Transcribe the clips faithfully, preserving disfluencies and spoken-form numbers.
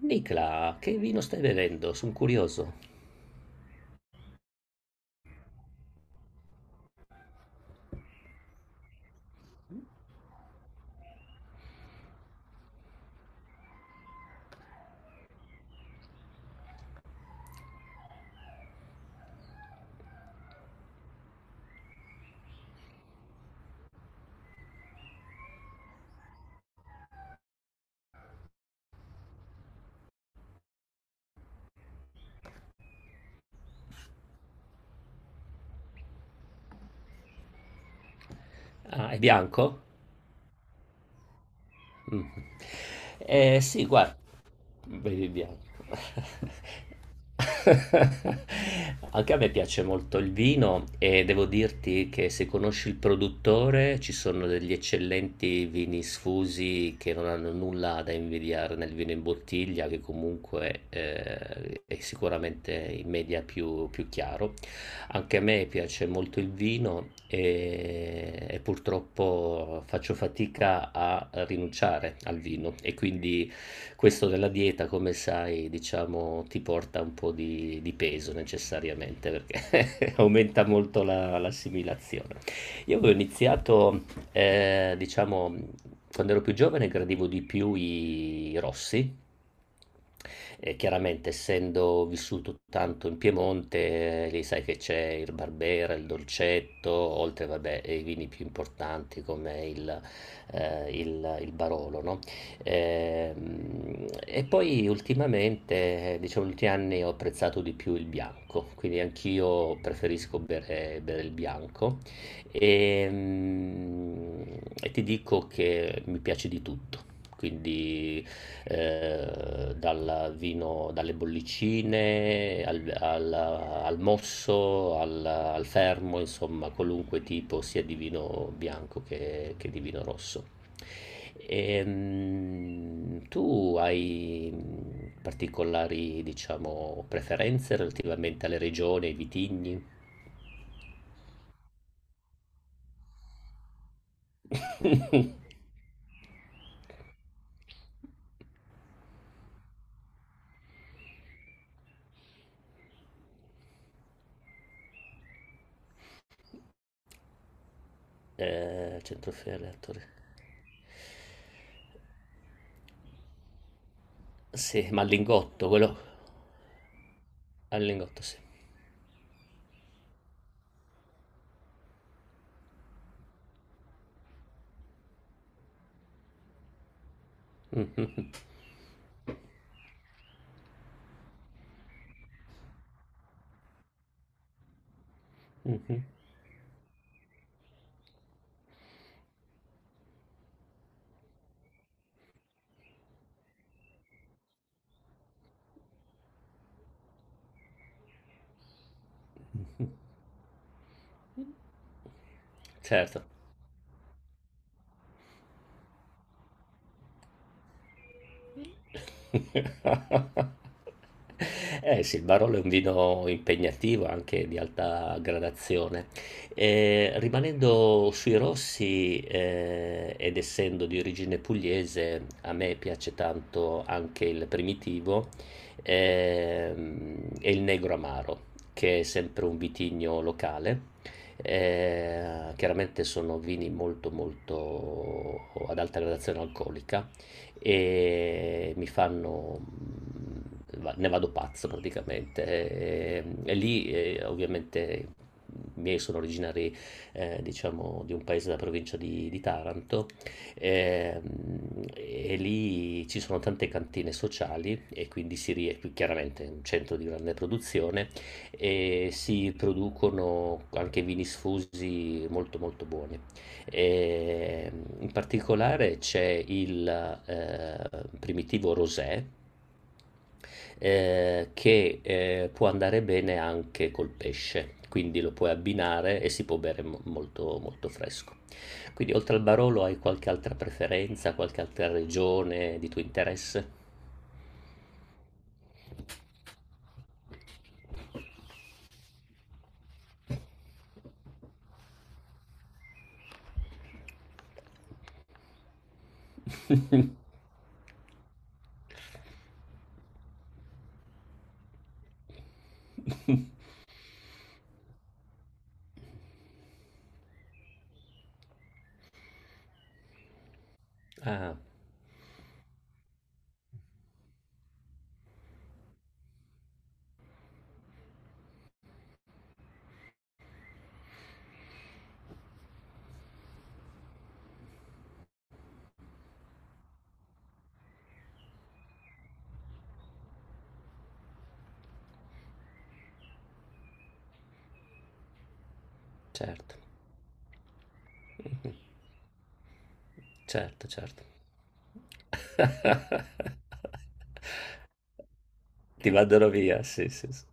Nicla, che vino stai bevendo? Sono curioso. Ah, è bianco? Mm. Eh, sì, guarda, bevi bianco. Anche a me piace molto il vino e devo dirti che se conosci il produttore ci sono degli eccellenti vini sfusi che non hanno nulla da invidiare nel vino in bottiglia, che comunque eh, è sicuramente in media più, più chiaro. Anche a me piace molto il vino e, e purtroppo faccio fatica a rinunciare al vino e quindi questo della dieta, come sai, diciamo, ti porta un po' di, di peso necessariamente perché aumenta molto la- l'assimilazione. Io avevo iniziato, eh, diciamo, quando ero più giovane gradivo di più i, i rossi, e chiaramente, essendo vissuto tanto in Piemonte, eh, lì sai che c'è il Barbera, il Dolcetto, oltre vabbè, ai vini più importanti come il, eh, il- il Barolo, no? Ehm, E poi ultimamente, eh, diciamo, negli ultimi anni ho apprezzato di più il bianco, quindi anch'io preferisco bere, bere il bianco. Ehm, E ti dico che mi piace di tutto. Quindi eh, dal vino, dalle bollicine al, al- al mosso, al, al fermo, insomma, qualunque tipo sia di vino bianco che, che di vino rosso. Ehm, tu hai particolari, diciamo, preferenze relativamente alle regioni, ai vitigni? eh, centrofiale, attore. Sì, ma al lingotto, quello al lingotto, sì. Mhm, mhm. Certo. Eh sì, il Barolo è un vino impegnativo, anche di alta gradazione. Eh, rimanendo sui rossi, eh, ed essendo di origine pugliese, a me piace tanto anche il primitivo, ehm, e il negro amaro, che è sempre un vitigno locale. Eh, chiaramente sono vini molto molto ad alta gradazione alcolica e mi fanno ne vado pazzo praticamente. E, e lì eh, ovviamente i miei sono originari eh, diciamo di un paese della provincia di, di Taranto e, mm, e lì ci sono tante cantine sociali e quindi si rie- qui chiaramente è un centro di grande produzione e si producono anche vini sfusi molto molto buoni. E in particolare c'è il eh, primitivo rosé eh, che eh, può andare bene anche col pesce, quindi lo puoi abbinare e si può bere mo- molto, molto fresco. Quindi oltre al Barolo hai qualche altra preferenza, qualche altra regione di tuo interesse? Ah, certo, certo, certo. Ti mandano via, sì, sì, sì.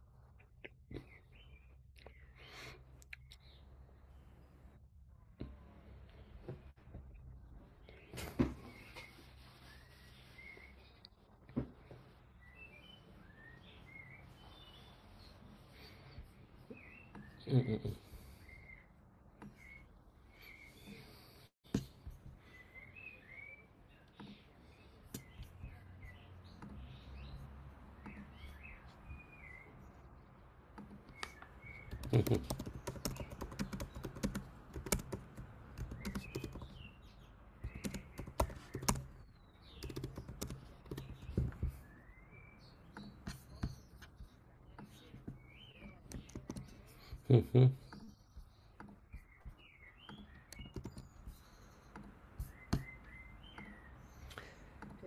Mhm.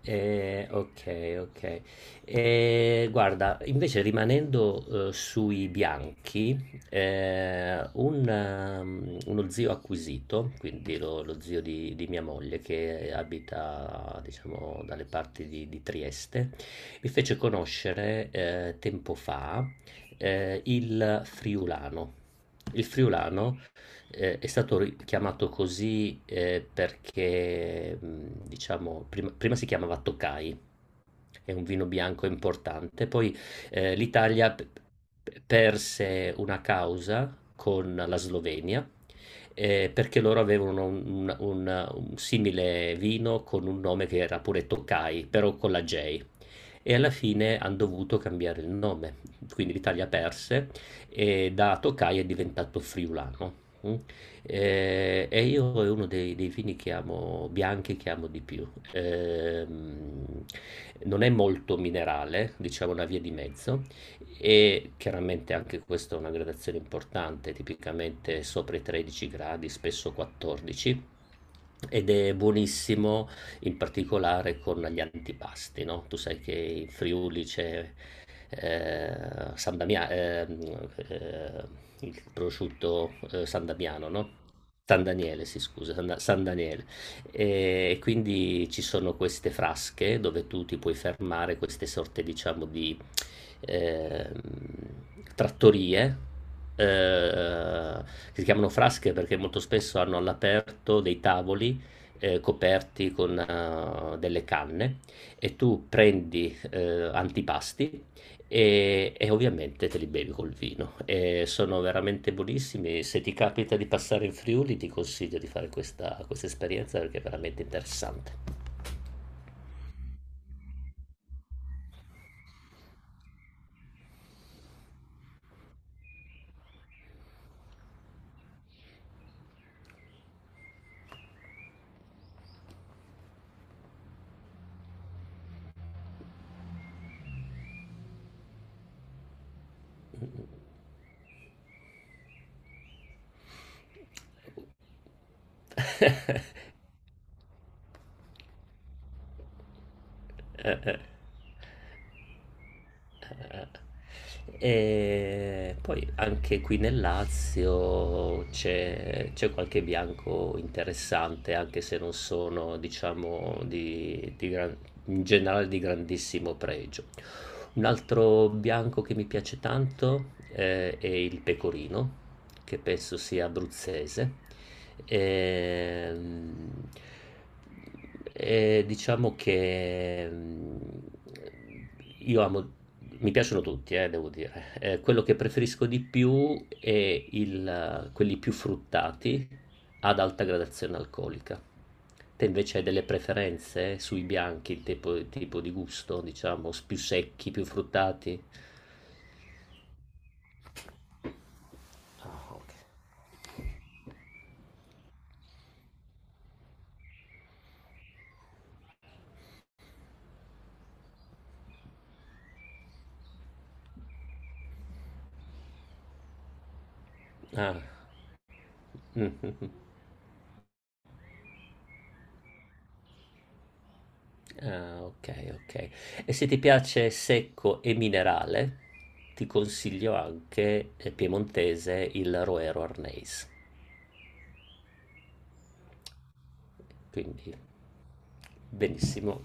Eh, ok, ok. Eh, guarda, invece rimanendo eh, sui bianchi, eh, un, ehm, uno zio acquisito, quindi lo, lo zio di, di mia moglie che abita, diciamo, dalle parti di, di Trieste, mi fece conoscere eh, tempo fa eh, il friulano. Il friulano eh, è stato ri- chiamato così eh, perché, mh, diciamo, prima, prima si chiamava Tokai, è un vino bianco importante, poi eh, l'Italia p- p- perse una causa con la Slovenia eh, perché loro avevano un, un- un- un simile vino con un nome che era pure Tokai, però con la J. E alla fine hanno dovuto cambiare il nome, quindi l'Italia perse e da Tokai è diventato friulano. Mm. Eh, e io è uno dei, dei vini che amo, bianchi che amo di più. Ehm, non è molto minerale, diciamo una via di mezzo, e chiaramente anche questa è una gradazione importante, tipicamente sopra i tredici gradi, spesso quattordici. Ed è buonissimo in particolare con gli antipasti, no? Tu sai che in Friuli c'è eh, San Damia- ehm, eh, il prosciutto eh, San Damiano, no? San Daniele, si scusa, San, Da- San Daniele. E quindi ci sono queste frasche dove tu ti puoi fermare, queste sorte, diciamo, di ehm, trattorie. Eh, che si chiamano frasche perché molto spesso hanno all'aperto dei tavoli eh, coperti con eh, delle canne e tu prendi eh, antipasti e, e ovviamente te li bevi col vino. E sono veramente buonissimi. Se ti capita di passare in Friuli, ti consiglio di fare questa, questa esperienza perché è veramente interessante. Eh, eh. Eh, e poi anche qui nel Lazio c'è c'è qualche bianco interessante, anche se non sono, diciamo, di, di gran- in generale di grandissimo pregio. Un altro bianco che mi piace tanto eh, è il pecorino, che penso sia abruzzese. Ehm, E diciamo che mm, io amo mi piacciono tutti, eh, devo dire. Eh, quello che preferisco di più è il, quelli più fruttati ad alta gradazione alcolica. Te invece hai delle preferenze sui bianchi, il tipo, il tipo di gusto, diciamo, s- più secchi, più fruttati? Ah, ok. Ah, mhm. Ah, ok, ok. E se ti piace secco e minerale, ti consiglio anche eh, piemontese il Roero Arneis. Quindi, benissimo.